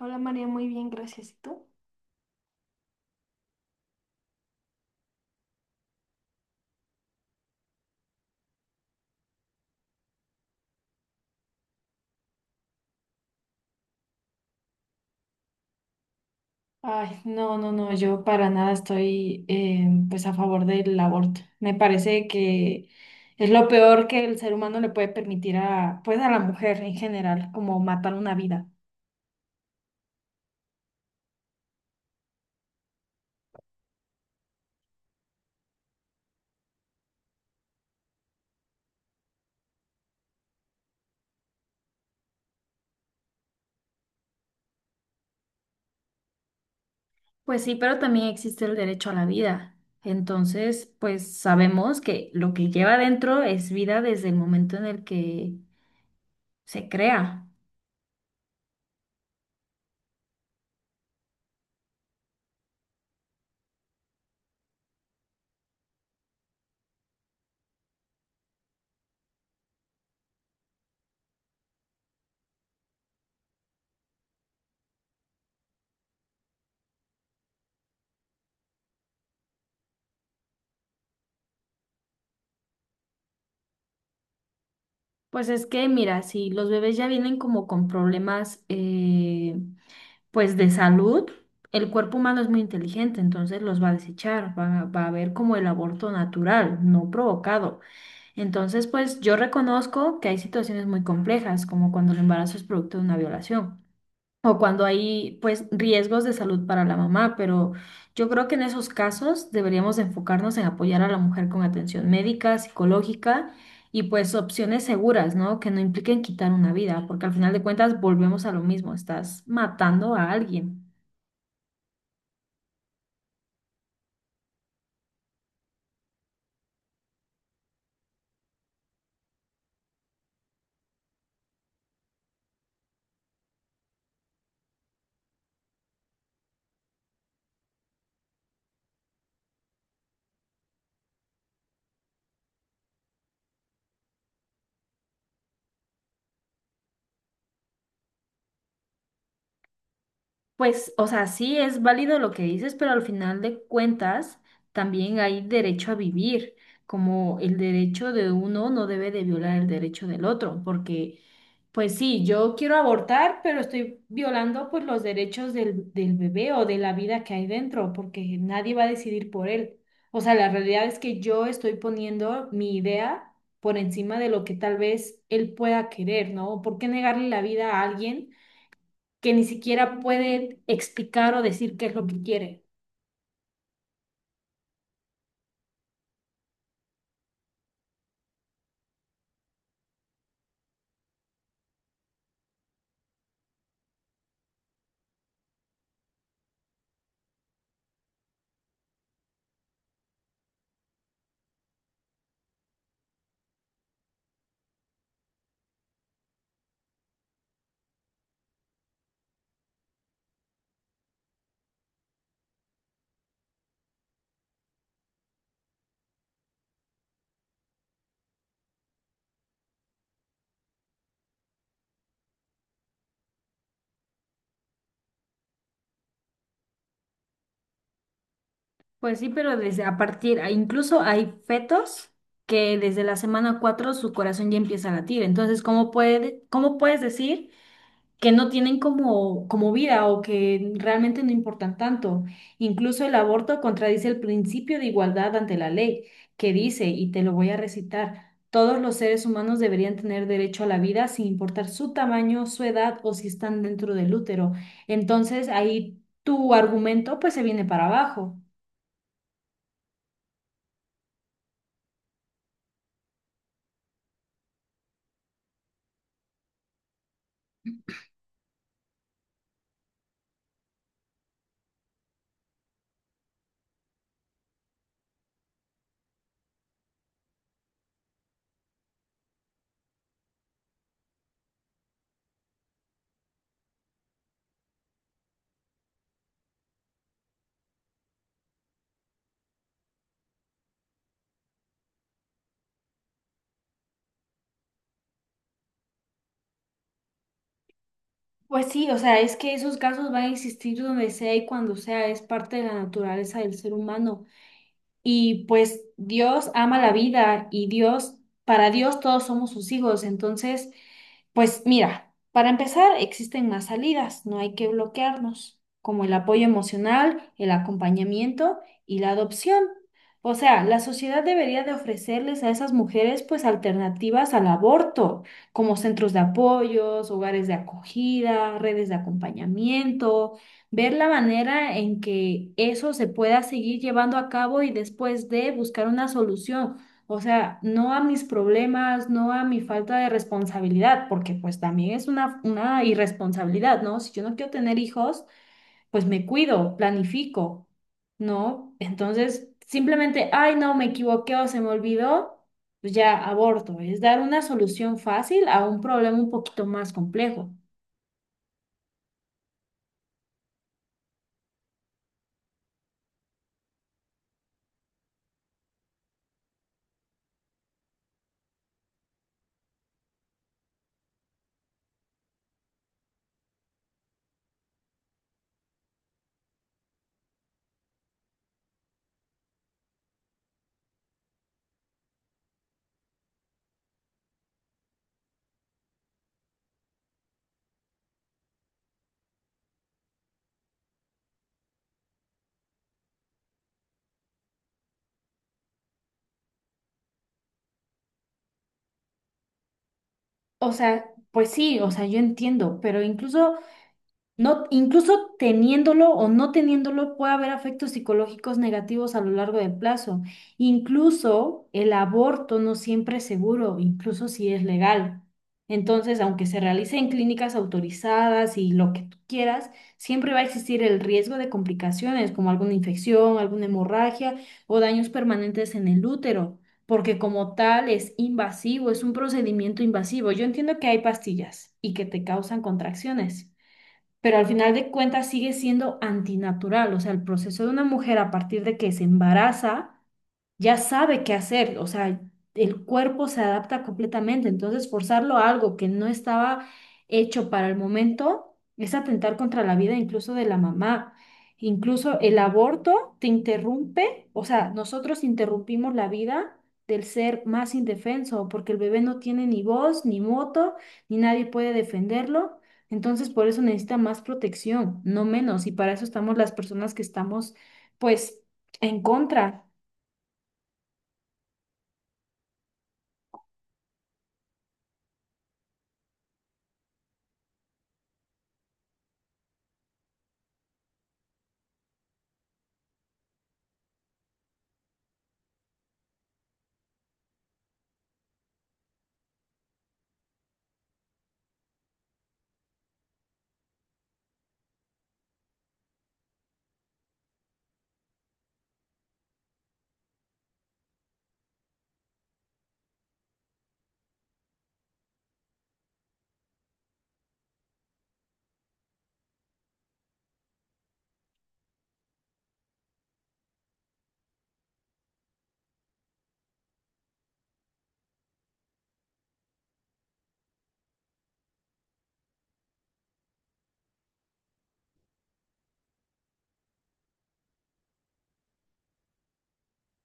Hola María, muy bien, gracias. ¿Y tú? Ay, no, no, no, yo para nada estoy pues a favor del aborto. Me parece que es lo peor que el ser humano le puede permitir pues a la mujer en general, como matar una vida. Pues sí, pero también existe el derecho a la vida. Entonces, pues sabemos que lo que lleva dentro es vida desde el momento en el que se crea. Pues es que, mira, si los bebés ya vienen como con problemas pues de salud, el cuerpo humano es muy inteligente, entonces los va a desechar, va a haber como el aborto natural, no provocado. Entonces, pues yo reconozco que hay situaciones muy complejas, como cuando el embarazo es producto de una violación. O cuando hay, pues, riesgos de salud para la mamá, pero yo creo que en esos casos deberíamos de enfocarnos en apoyar a la mujer con atención médica, psicológica y pues opciones seguras, ¿no? Que no impliquen quitar una vida, porque al final de cuentas volvemos a lo mismo, estás matando a alguien. Pues, o sea, sí es válido lo que dices, pero al final de cuentas también hay derecho a vivir, como el derecho de uno no debe de violar el derecho del otro, porque, pues sí, yo quiero abortar, pero estoy violando pues los derechos del bebé o de la vida que hay dentro, porque nadie va a decidir por él. O sea, la realidad es que yo estoy poniendo mi idea por encima de lo que tal vez él pueda querer, ¿no? ¿Por qué negarle la vida a alguien que ni siquiera puede explicar o decir qué es lo que quiere? Pues sí, pero desde a partir, incluso hay fetos que desde la semana 4 su corazón ya empieza a latir. Entonces, ¿cómo puede, cómo puedes decir que no tienen como, como vida o que realmente no importan tanto? Incluso el aborto contradice el principio de igualdad ante la ley, que dice, y te lo voy a recitar, todos los seres humanos deberían tener derecho a la vida sin importar su tamaño, su edad o si están dentro del útero. Entonces ahí tu argumento pues se viene para abajo. Pues sí, o sea, es que esos casos van a existir donde sea y cuando sea, es parte de la naturaleza del ser humano. Y pues Dios ama la vida y Dios, para Dios todos somos sus hijos. Entonces, pues mira, para empezar, existen más salidas, no hay que bloquearnos, como el apoyo emocional, el acompañamiento y la adopción. O sea, la sociedad debería de ofrecerles a esas mujeres pues alternativas al aborto, como centros de apoyos, hogares de acogida, redes de acompañamiento, ver la manera en que eso se pueda seguir llevando a cabo y después de buscar una solución, o sea, no a mis problemas, no a mi falta de responsabilidad, porque pues también es una irresponsabilidad, ¿no? Si yo no quiero tener hijos, pues me cuido, planifico, ¿no? Entonces, simplemente, ay, no, me equivoqué o se me olvidó, pues ya aborto. Es dar una solución fácil a un problema un poquito más complejo. O sea, pues sí, o sea, yo entiendo, pero incluso, no, incluso teniéndolo o no teniéndolo, puede haber efectos psicológicos negativos a lo largo del plazo. Incluso el aborto no siempre es seguro, incluso si es legal. Entonces, aunque se realice en clínicas autorizadas y lo que tú quieras, siempre va a existir el riesgo de complicaciones como alguna infección, alguna hemorragia o daños permanentes en el útero, porque como tal es invasivo, es un procedimiento invasivo. Yo entiendo que hay pastillas y que te causan contracciones, pero al final de cuentas sigue siendo antinatural. O sea, el proceso de una mujer a partir de que se embaraza ya sabe qué hacer, o sea, el cuerpo se adapta completamente, entonces forzarlo a algo que no estaba hecho para el momento es atentar contra la vida incluso de la mamá. Incluso el aborto te interrumpe, o sea, nosotros interrumpimos la vida del ser más indefenso, porque el bebé no tiene ni voz, ni voto, ni nadie puede defenderlo. Entonces, por eso necesita más protección, no menos, y para eso estamos las personas que estamos, pues, en contra.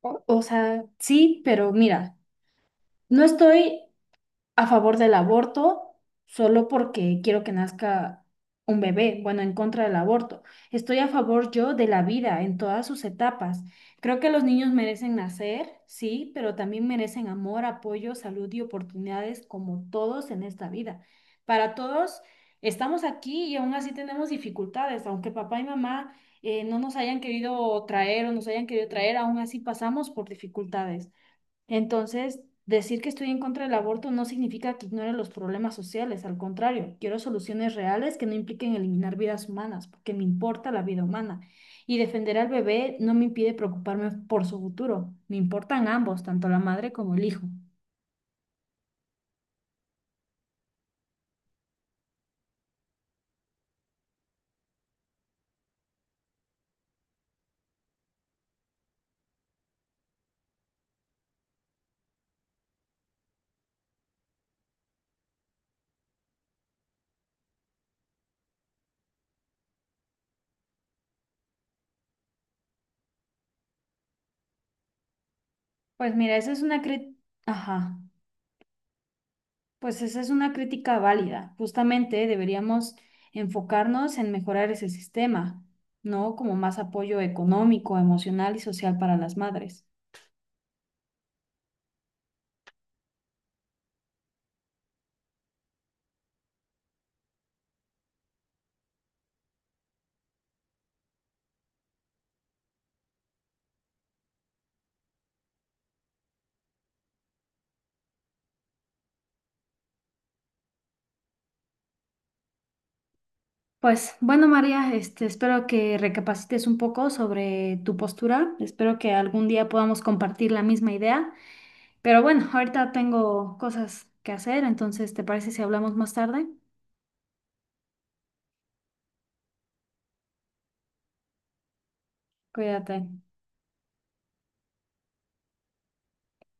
O sea, sí, pero mira, no estoy a favor del aborto solo porque quiero que nazca un bebé, bueno, en contra del aborto. Estoy a favor yo de la vida en todas sus etapas. Creo que los niños merecen nacer, sí, pero también merecen amor, apoyo, salud y oportunidades como todos en esta vida. Para todos estamos aquí y aún así tenemos dificultades, aunque papá y mamá no nos hayan querido traer o nos hayan querido traer, aún así pasamos por dificultades. Entonces, decir que estoy en contra del aborto no significa que ignore los problemas sociales, al contrario, quiero soluciones reales que no impliquen eliminar vidas humanas, porque me importa la vida humana. Y defender al bebé no me impide preocuparme por su futuro, me importan ambos, tanto la madre como el hijo. Pues mira, esa es una crítica, ajá, pues esa es una crítica válida. Justamente deberíamos enfocarnos en mejorar ese sistema, ¿no? Como más apoyo económico, emocional y social para las madres. Pues bueno, María, este, espero que recapacites un poco sobre tu postura. Espero que algún día podamos compartir la misma idea. Pero bueno, ahorita tengo cosas que hacer, entonces, ¿te parece si hablamos más tarde? Cuídate.